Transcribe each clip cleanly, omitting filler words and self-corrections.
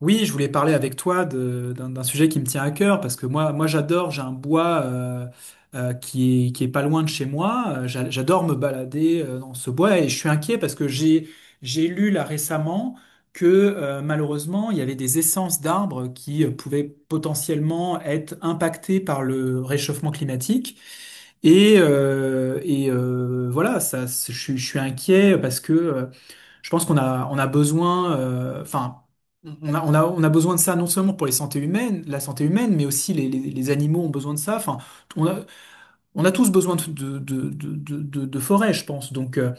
Oui, je voulais parler avec toi d'un sujet qui me tient à cœur parce que moi, moi j'adore, j'ai un bois qui est, pas loin de chez moi. J'adore me balader dans ce bois et je suis inquiet parce que j'ai lu là récemment que malheureusement il y avait des essences d'arbres qui pouvaient potentiellement être impactées par le réchauffement climatique. Voilà, ça, je suis inquiet parce que je pense qu'on a, on a besoin, enfin, on a, besoin de ça non seulement pour les santé humaines, la santé humaine, mais aussi les animaux ont besoin de ça. Enfin, on a, on a tous besoin de forêt, je pense. Donc, euh,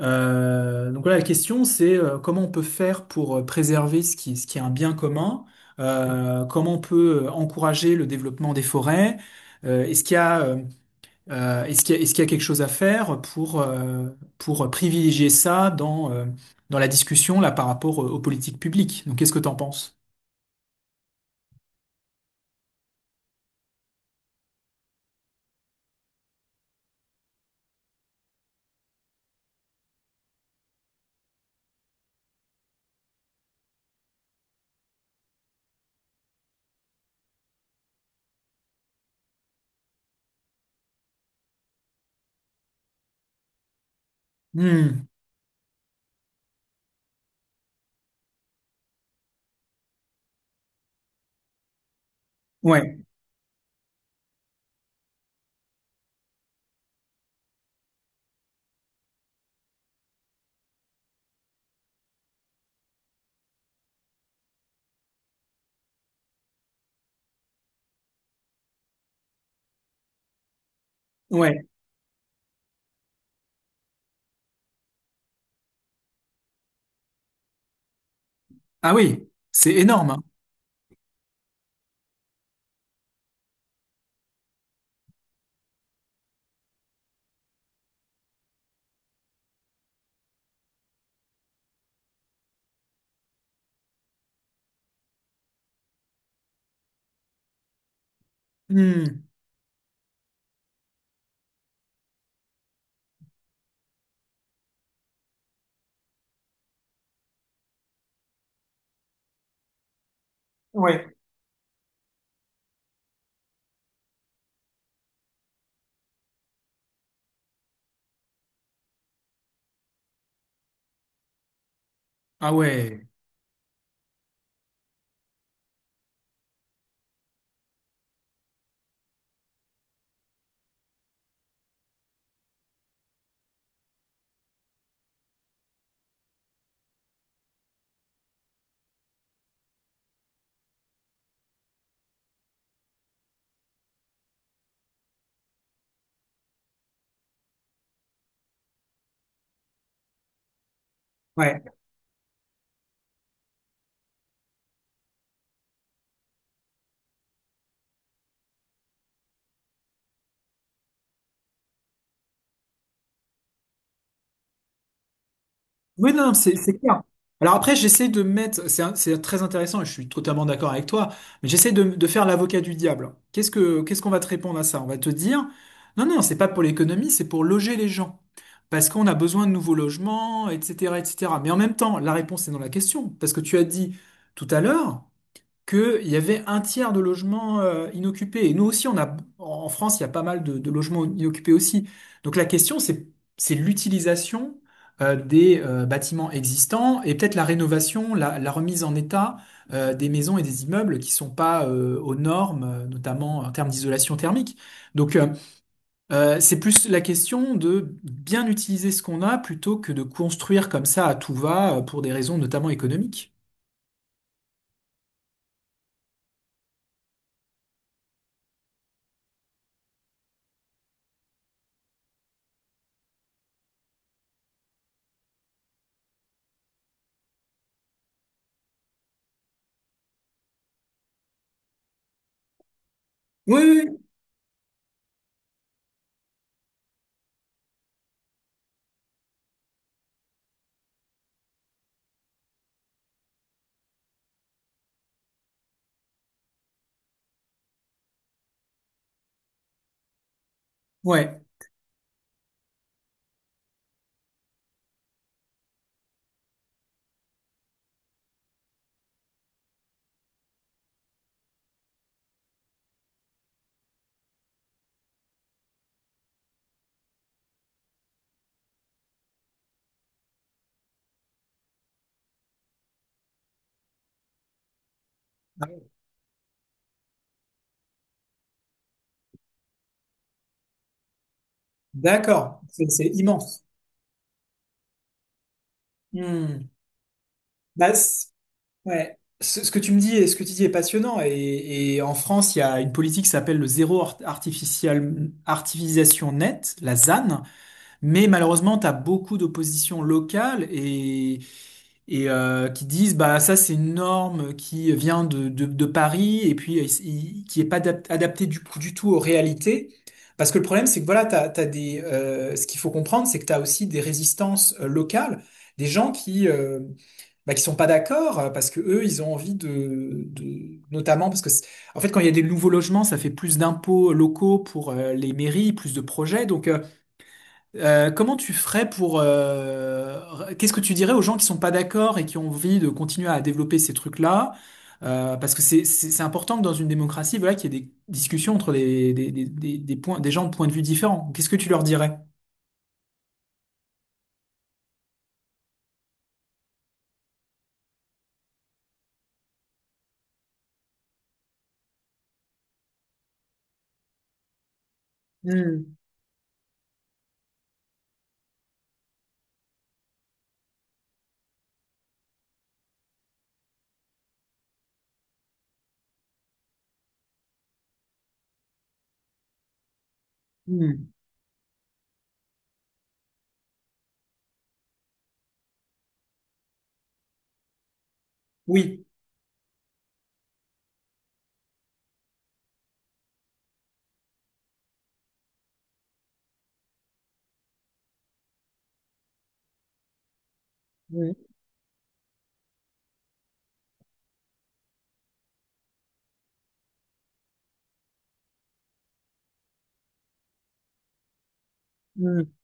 euh, donc voilà, la question, c'est comment on peut faire pour préserver ce qui, est un bien commun, comment on peut encourager le développement des forêts. Est-ce qu'il y a est-ce qu'il y a, est-ce qu'il y a quelque chose à faire pour privilégier ça dans la discussion là par rapport aux politiques publiques? Donc, qu'est-ce que t'en penses? Hmm. Ouais, ouais. Ah oui, c'est énorme, hein. Hmm. Ouais. Ah ouais, ouais. Oui, non, non, c'est clair. Alors après, j'essaie de mettre, c'est très intéressant et je suis totalement d'accord avec toi, mais j'essaie de faire l'avocat du diable. Qu'est-ce qu'on va te répondre à ça? On va te dire, non, non, c'est pas pour l'économie, c'est pour loger les gens. Parce qu'on a besoin de nouveaux logements, etc., etc. Mais en même temps, la réponse est dans la question. Parce que tu as dit tout à l'heure, qu'il y avait un tiers de logements inoccupés. Et nous aussi, on a, en France, il y a pas mal de logements inoccupés aussi. Donc la question, c'est, l'utilisation des bâtiments existants et peut-être la rénovation, la remise en état des maisons et des immeubles qui sont pas aux normes, notamment en termes d'isolation thermique. Donc, c'est plus la question de bien utiliser ce qu'on a plutôt que de construire comme ça à tout va pour des raisons notamment économiques. Oui, oui. Oui. Ouais. D'accord, c'est immense. Hmm. Bah, ouais. Ce que tu me dis et ce que tu dis est passionnant. Et en France, il y a une politique qui s'appelle le zéro artificialisation nette, la ZAN. Mais malheureusement, tu as beaucoup d'oppositions locales et qui disent bah ça c'est une norme qui vient de Paris et puis qui est pas adaptée du coup du tout aux réalités. Parce que le problème c'est que voilà, ce qu'il faut comprendre c'est que tu as aussi des résistances locales, des gens qui bah, qui sont pas d'accord parce que eux ils ont envie de notamment parce que en fait quand il y a des nouveaux logements ça fait plus d'impôts locaux pour les mairies, plus de projets donc comment tu ferais pour... qu'est-ce que tu dirais aux gens qui sont pas d'accord et qui ont envie de continuer à développer ces trucs-là? Parce que c'est important que dans une démocratie, voilà, qu'il y ait des discussions entre des gens de points de vue différents. Qu'est-ce que tu leur dirais? Hmm, hmm. Oui. Hmm, hmm.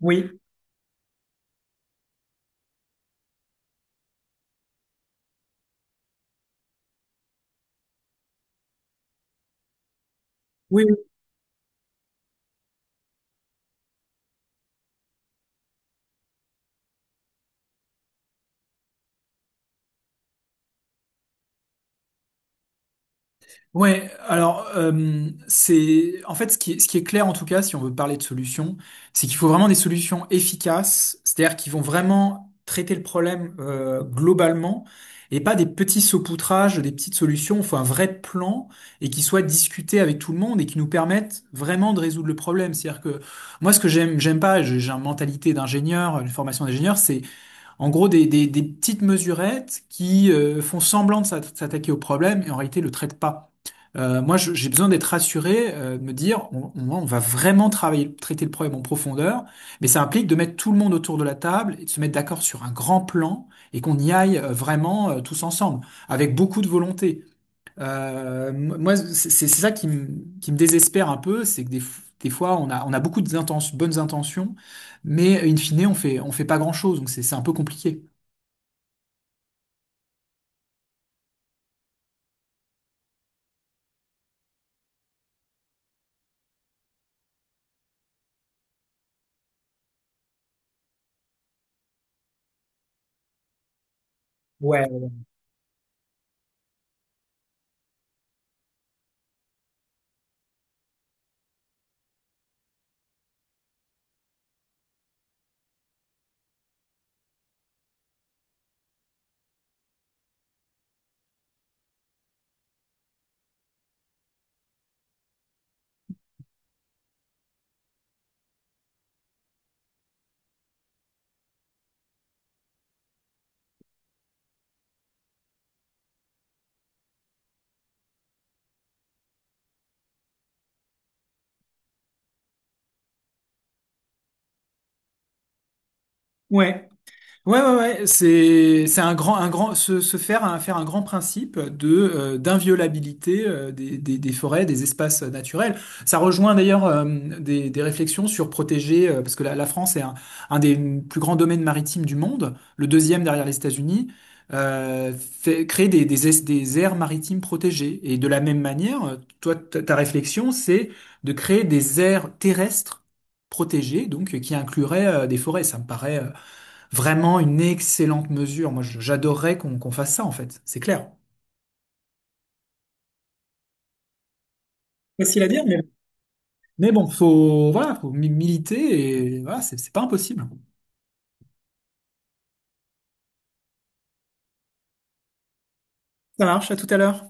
Oui, oui. Ouais, alors c'est en fait ce qui est, clair en tout cas si on veut parler de solutions, c'est qu'il faut vraiment des solutions efficaces, c'est-à-dire qui vont vraiment traiter le problème globalement et pas des petits saupoutrages, des petites solutions. Il faut un vrai plan et qui soit discuté avec tout le monde et qui nous permette vraiment de résoudre le problème. C'est-à-dire que moi ce que j'aime pas, j'ai une mentalité d'ingénieur, une formation d'ingénieur, c'est en gros, des petites mesurettes qui font semblant de s'attaquer au problème et en réalité le traitent pas. Moi, j'ai besoin d'être rassuré, de me dire, on va vraiment travailler, traiter le problème en profondeur, mais ça implique de mettre tout le monde autour de la table et de se mettre d'accord sur un grand plan et qu'on y aille vraiment tous ensemble, avec beaucoup de volonté. Moi, c'est ça qui me désespère un peu, c'est que des fois, on a beaucoup de bonnes intentions, mais in fine, on fait pas grand-chose, donc c'est un peu compliqué. Ouais, ouais. Ouais, ouais, ouais, c'est un grand se faire un grand principe de d'inviolabilité des forêts, des espaces naturels. Ça rejoint d'ailleurs des réflexions sur protéger parce que la France est un des plus grands domaines maritimes du monde, le deuxième derrière les États-Unis. Euh, Créer des aires maritimes protégées. Et de la même manière, toi, ta réflexion, c'est de créer des aires terrestres protégées, donc qui incluraient des forêts. Ça me paraît vraiment une excellente mesure. Moi, j'adorerais qu'on fasse ça, en fait. C'est clair. Facile à dire, mais bon, faut, voilà, faut militer et voilà, c'est pas impossible. Ça marche, à tout à l'heure.